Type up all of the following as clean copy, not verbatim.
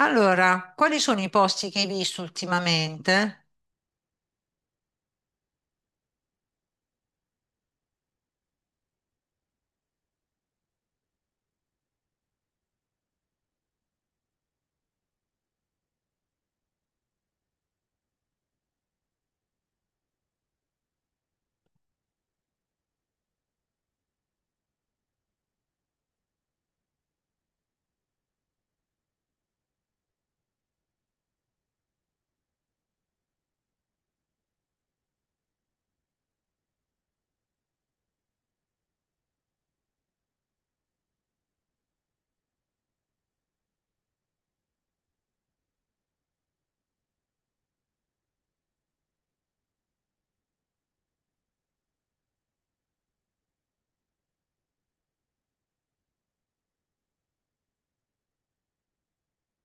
Allora, quali sono i posti che hai visto ultimamente?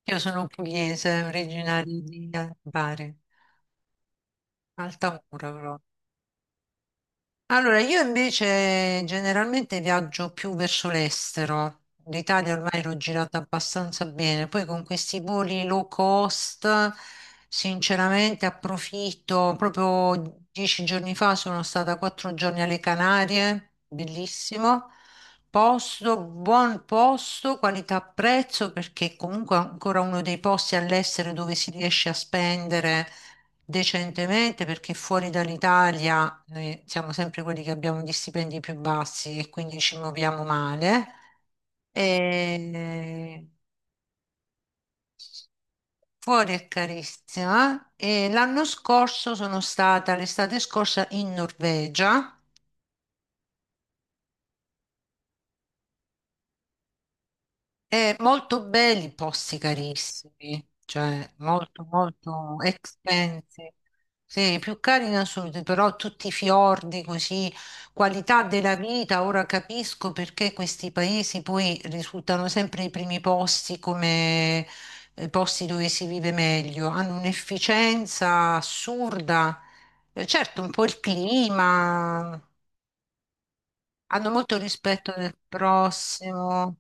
Io sono pugliese, originaria di Bari, Altamura. Allora, io invece generalmente viaggio più verso l'estero. L'Italia ormai l'ho girata abbastanza bene. Poi con questi voli low cost, sinceramente approfitto. Proprio dieci giorni fa sono stata quattro giorni alle Canarie, bellissimo. Posto, buon posto, qualità prezzo, perché comunque è ancora uno dei posti all'estero dove si riesce a spendere decentemente perché fuori dall'Italia noi siamo sempre quelli che abbiamo gli stipendi più bassi e quindi ci muoviamo male. E fuori è carissima e l'anno scorso sono stata, l'estate scorsa, in Norvegia. Molto belli, i posti carissimi, cioè molto expensive, sì, più cari in assoluto, però tutti i fiordi così, qualità della vita, ora capisco perché questi paesi poi risultano sempre i primi posti come posti dove si vive meglio, hanno un'efficienza assurda. Certo un po' il clima, hanno molto rispetto del prossimo.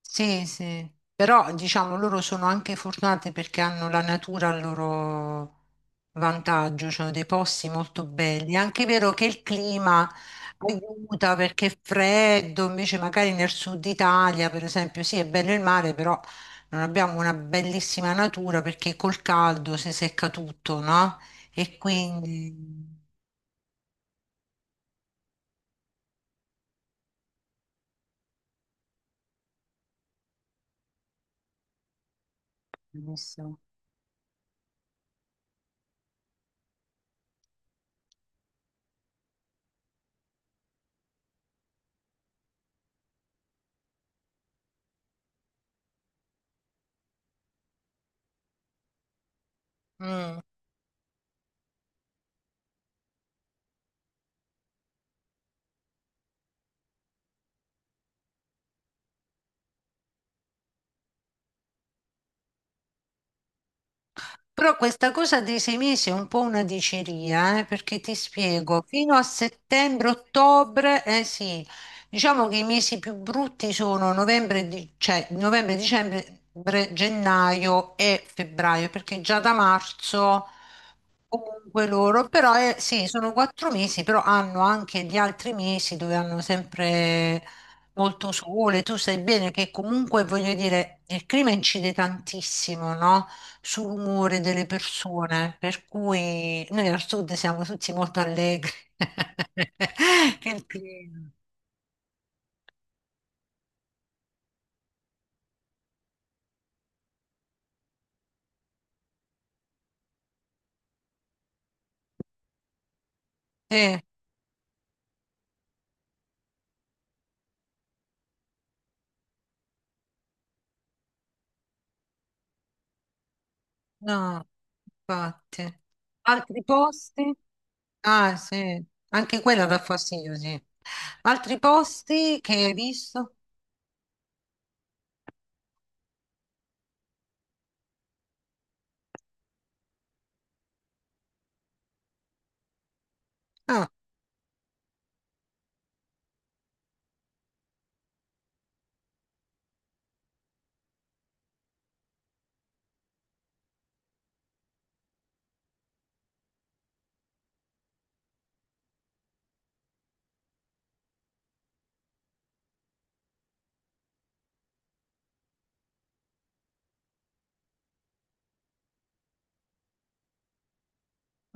Sì, sì, però diciamo loro sono anche fortunate perché hanno la natura a loro vantaggio, cioè dei posti molto belli. È anche vero che il clima aiuta perché è freddo, invece magari nel sud Italia, per esempio, sì, è bello il mare, però non abbiamo una bellissima natura perché col caldo si secca tutto, no? E quindi... Benissimo. Mm. Però questa cosa dei sei mesi è un po' una diceria, perché ti spiego, fino a settembre-ottobre, eh sì, diciamo che i mesi più brutti sono novembre, cioè novembre, dicembre, gennaio e febbraio, perché già da marzo comunque loro, però sì, sono quattro mesi, però hanno anche gli altri mesi dove hanno sempre molto sole, tu sai bene che comunque voglio dire, il clima incide tantissimo, no? Sull'umore delle persone, per cui noi al sud siamo tutti molto allegri. Il clima. Eh, no, infatti. Altri posti? Ah, sì, anche quella dà fastidio, sì. Altri posti che hai visto? Ah,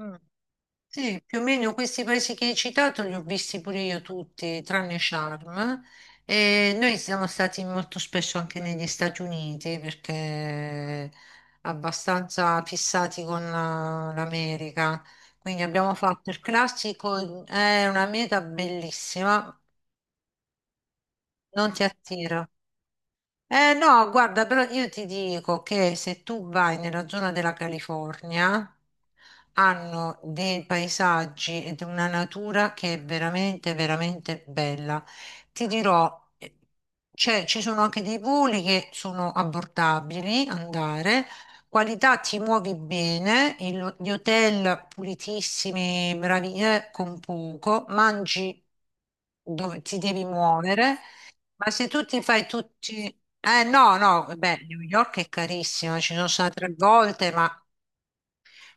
mm. Sì, più o meno questi paesi che hai citato li ho visti pure io tutti, tranne Sharm. E noi siamo stati molto spesso anche negli Stati Uniti perché abbastanza fissati con l'America. Quindi abbiamo fatto il classico, è una meta bellissima, non ti attira. Eh no, guarda, però io ti dico che se tu vai nella zona della California, hanno dei paesaggi ed una natura che è veramente, veramente bella. Ti dirò, ci sono anche dei voli che sono abbordabili, andare, qualità ti muovi bene, gli hotel pulitissimi, bravi, con poco, mangi dove ti devi muovere. Ma se tu ti fai tutti... Eh no, no, beh, New York è carissima, ci sono stata tre volte, ma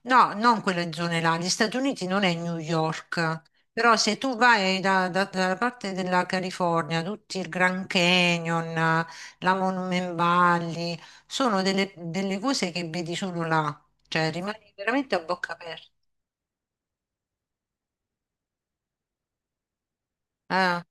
no, non quelle zone là. Gli Stati Uniti non è New York, però se tu vai dalla parte della California, tutti il Grand Canyon, la Monument Valley, sono delle, delle cose che vedi solo là, cioè rimani veramente a bocca aperta. Eh.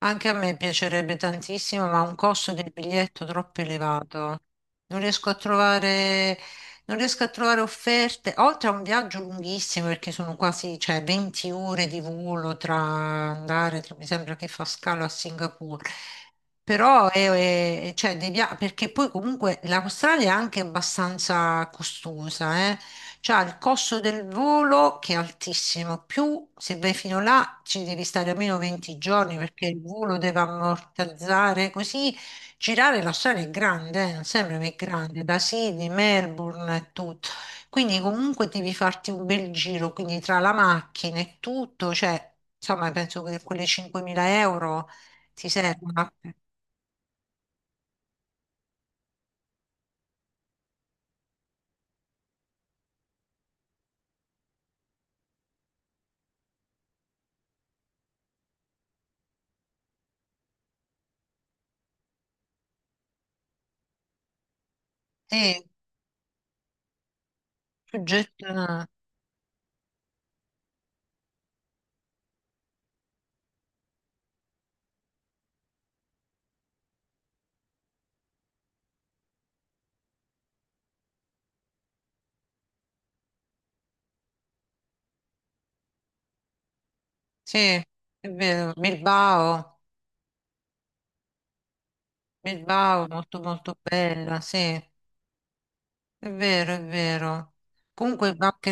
Anche a me piacerebbe tantissimo, ma ha un costo del biglietto troppo elevato. Non riesco a trovare, non riesco a trovare offerte, oltre a un viaggio lunghissimo, perché sono quasi, cioè, 20 ore di volo tra andare, tra- mi sembra che fa scalo a Singapore. Però cioè, perché poi comunque l'Australia è anche abbastanza costosa, eh. C'ha il costo del volo che è altissimo, più se vai fino là ci devi stare almeno 20 giorni perché il volo deve ammortizzare, così girare la strada è grande, non sembra che è grande, da Sydney, Melbourne e tutto. Quindi comunque devi farti un bel giro, quindi tra la macchina e tutto, cioè, insomma, penso che quelle 5.000 euro ti servono. Sì, più gettonate. Sì, è vero, Bilbao. Bilbao, molto molto bella, sì, è vero, è vero. Comunque, anche,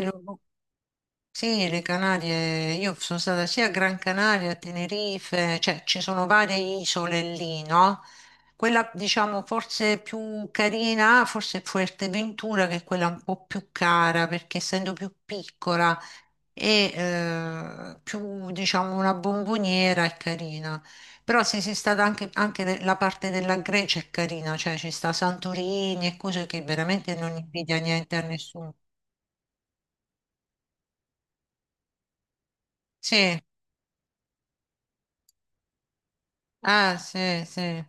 sì, le Canarie, io sono stata sia a Gran Canaria, a Tenerife, cioè ci sono varie isole lì, no? Quella diciamo forse più carina, forse è Fuerteventura, che è quella un po' più cara, perché essendo più piccola e più diciamo una bomboniera è carina. Però se sei stata anche, anche la parte della Grecia è carina, cioè ci sta Santorini e cose che veramente non invidia niente a nessuno. Sì, ah sì, sì.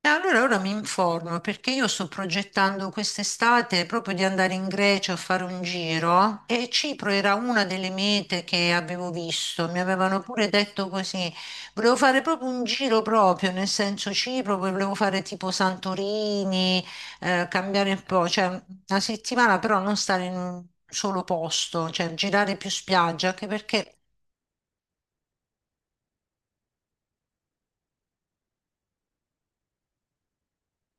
E allora ora mi informo perché io sto progettando quest'estate proprio di andare in Grecia a fare un giro e Cipro era una delle mete che avevo visto, mi avevano pure detto così. Volevo fare proprio un giro proprio, nel senso Cipro, poi volevo fare tipo Santorini, cambiare un po', cioè una settimana però non stare in un solo posto, cioè girare più spiaggia, anche perché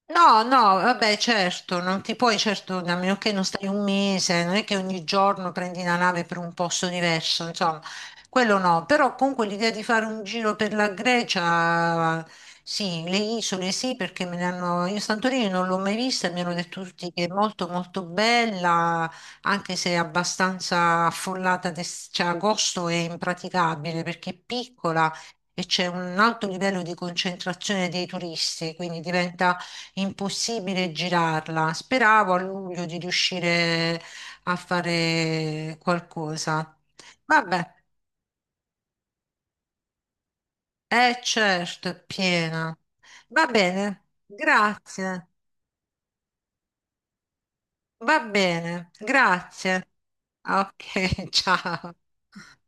no, no, vabbè, certo, non ti puoi, certo, a meno che non stai un mese, non è che ogni giorno prendi la nave per un posto diverso, insomma, quello no, però comunque l'idea di fare un giro per la Grecia, sì, le isole sì, perché me ne hanno, io Santorini non l'ho mai vista, e mi hanno detto tutti che è molto molto bella, anche se è abbastanza affollata, cioè agosto è impraticabile perché è piccola e c'è un alto livello di concentrazione dei turisti, quindi diventa è impossibile girarla. Speravo a luglio di riuscire a fare qualcosa. Vabbè, è certo, è piena. Va bene, grazie. Va bene, grazie. Ok, ciao.